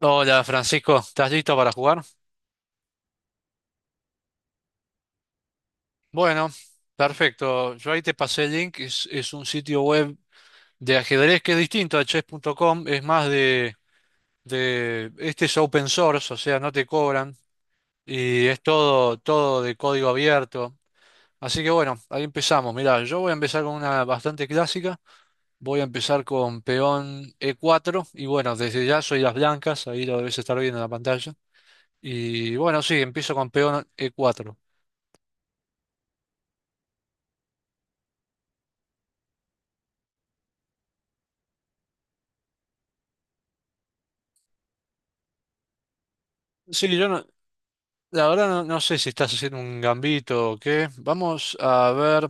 Hola Francisco, ¿estás listo para jugar? Bueno, perfecto. Yo ahí te pasé el link, es un sitio web de ajedrez que es distinto a chess.com, es más de. Este es open source, o sea, no te cobran y es todo, todo de código abierto. Así que bueno, ahí empezamos. Mirá, yo voy a empezar con una bastante clásica. Voy a empezar con peón E4 y bueno, desde ya soy las blancas, ahí lo debes estar viendo en la pantalla. Y bueno, sí, empiezo con peón E4. Sí, yo no, la verdad no. No sé si estás haciendo un gambito o qué. Vamos a ver.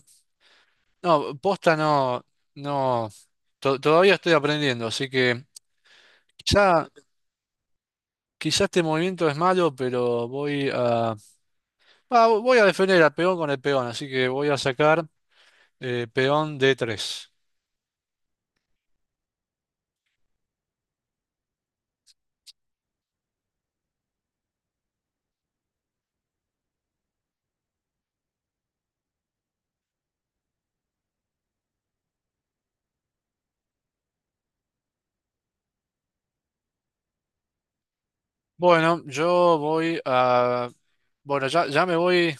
No, posta no, no. Todavía estoy aprendiendo, así que quizá, quizá este movimiento es malo, pero voy a defender al peón con el peón, así que voy a sacar peón D3. Bueno, ya me voy.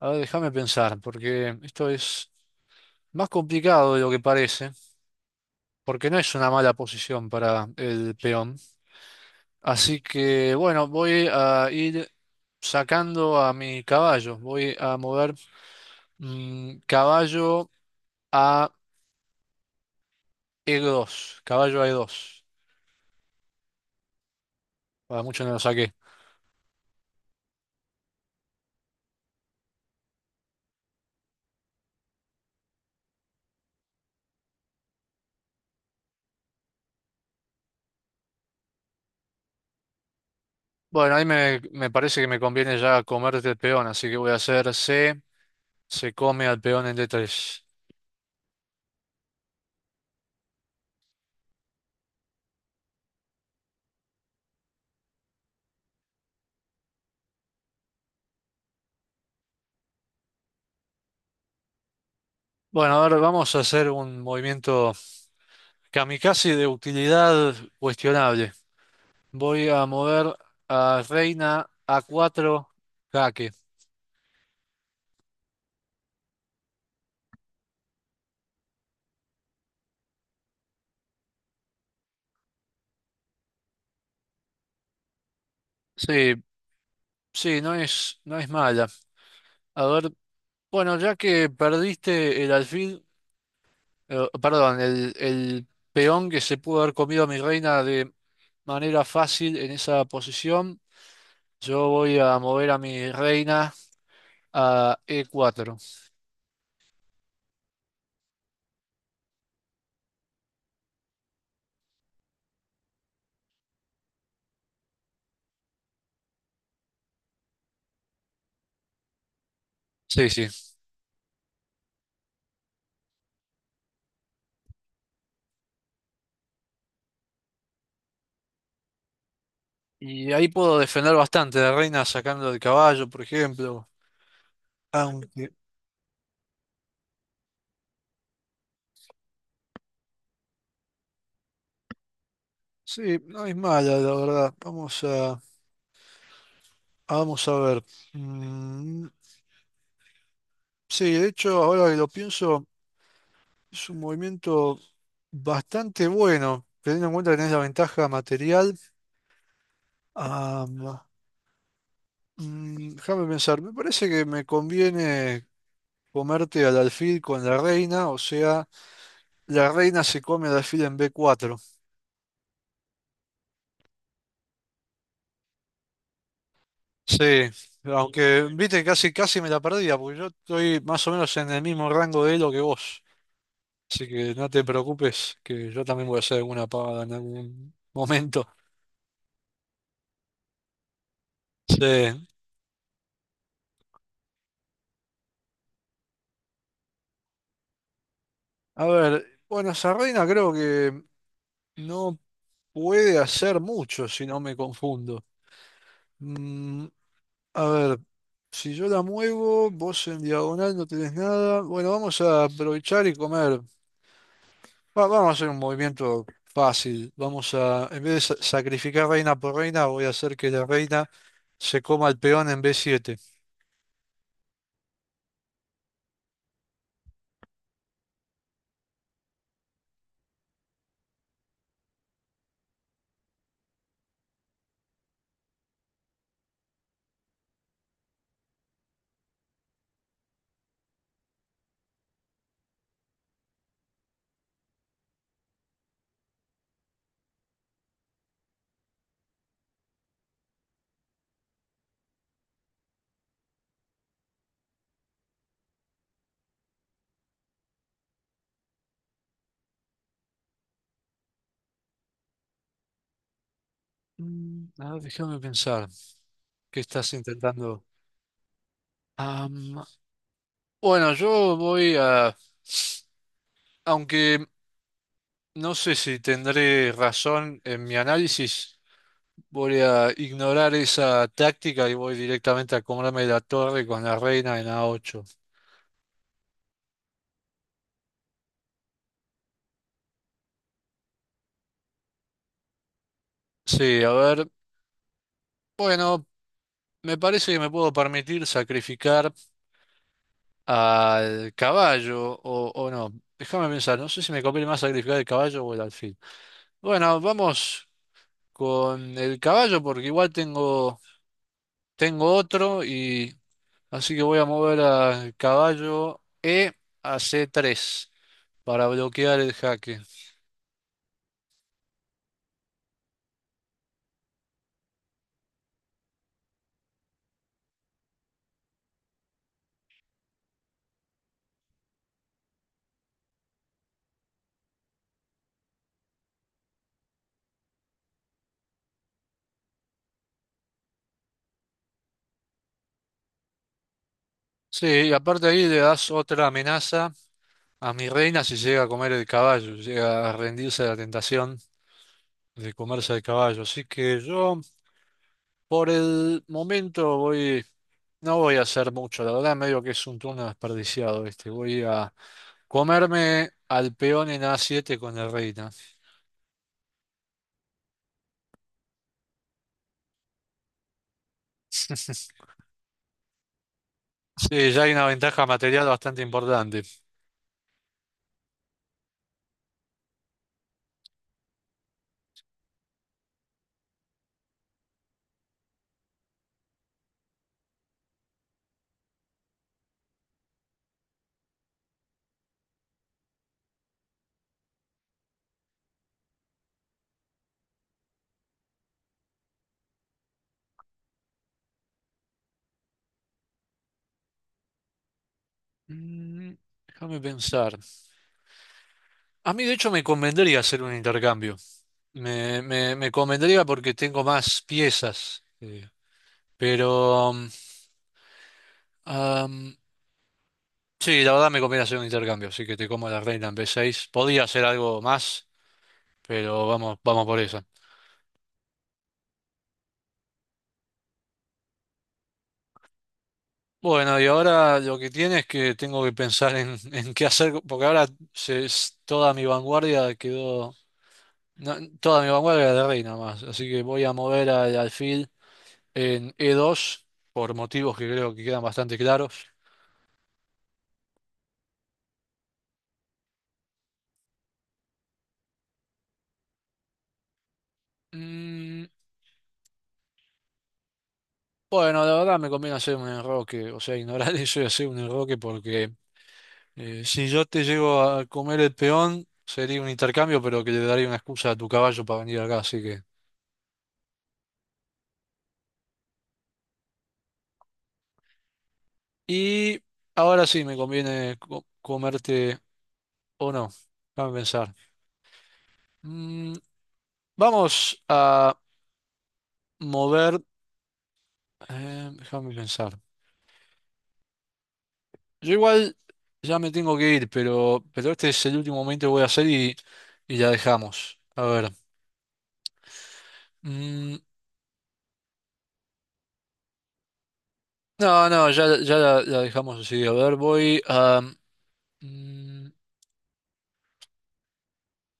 A ver, déjame pensar, porque esto es más complicado de lo que parece, porque no es una mala posición para el peón. Así que bueno, voy a ir sacando a mi caballo. Voy a mover caballo a E2. Caballo a E2. Para mucho no lo saqué. Bueno, ahí me parece que me conviene ya comerte el peón, así que voy a hacer C. Se come al peón en D3. Bueno, ahora vamos a hacer un movimiento kamikaze de utilidad cuestionable. Voy a mover a reina a cuatro, jaque. Sí, sí, no es mala. A ver, bueno, ya que perdiste el alfil, perdón, el peón que se pudo haber comido a mi reina de manera fácil en esa posición, yo voy a mover a mi reina a E4. Sí, sí. Y ahí puedo defender bastante la reina sacando el caballo, por ejemplo. Aunque, sí, no es mala, la verdad. Vamos a ver. Mm, sí, de hecho, ahora que lo pienso. Es un movimiento bastante bueno, teniendo en cuenta que tenés la ventaja material. Ah, déjame pensar, me parece que me conviene comerte al alfil con la reina, o sea, la reina se come al alfil en B4. Sí, aunque viste, casi, casi me la perdía, porque yo estoy más o menos en el mismo rango de elo que vos. Así que no te preocupes, que yo también voy a hacer alguna pagada en algún momento. Sí. A ver, bueno, esa reina creo que no. Puede hacer mucho si no me confundo. Mm, a ver, si yo la muevo, vos en diagonal no tenés nada. Bueno, vamos a aprovechar y comer. Vamos a hacer un movimiento fácil. En vez de sacrificar reina por reina, voy a hacer que la reina se coma el peón en B7. Mm, a ver, déjame pensar. ¿Qué estás intentando? Am, bueno, aunque no sé si tendré razón en mi análisis. Voy a ignorar esa táctica y voy directamente a comerme la torre con la reina en A8. Sí, a ver. Bueno, me parece que me puedo permitir sacrificar al caballo o no. Déjame pensar, no sé si me conviene más sacrificar el caballo o el alfil. Bueno, vamos con el caballo porque igual tengo otro y así que voy a mover al caballo E a C3 para bloquear el jaque. Sí, y aparte ahí le das otra amenaza a mi reina si llega a comer el caballo, llega a rendirse a la tentación de comerse el caballo. Así que yo por el momento no voy a hacer mucho, la verdad medio que es un turno desperdiciado este, voy a comerme al peón en A7 con la reina. Sí, ya hay una ventaja material bastante importante. Mm, Déjame pensar. A mí de hecho me convendría hacer un intercambio. Me convendría porque tengo más piezas. Pero am, sí, la verdad me conviene hacer un intercambio, así que te como la reina en B6. Podía hacer algo más, pero vamos, vamos por esa. Bueno, y ahora lo que tiene es que tengo que pensar en, en qué hacer, porque ahora toda mi vanguardia quedó. No, toda mi vanguardia era de reina más, así que voy a mover al alfil en E2 por motivos que creo que quedan bastante claros. Mm, Bueno, la verdad me conviene hacer un enroque, o sea, ignorar eso y hacer un enroque porque si yo te llego a comer el peón, sería un intercambio, pero que le daría una excusa a tu caballo para venir acá, así que... Y ahora sí, me conviene comerte o no, déjame pensar. Mm, vamos a mover, Déjame pensar. Yo igual ya me tengo que ir, pero este es el último momento que voy a hacer y ya dejamos. A ver. Mm, no, no, ya la dejamos así. A ver, mm,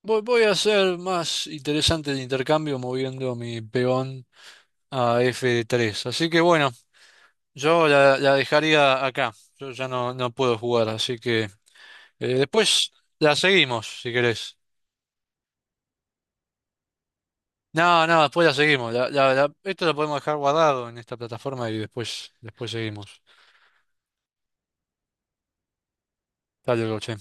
voy a hacer más interesante el intercambio moviendo mi peón a F3. Así que bueno, yo la dejaría acá. Yo ya no puedo jugar, así que después la seguimos, si querés. No, no, después la seguimos. Esto lo podemos dejar guardado en esta plataforma y después seguimos. Dale, che.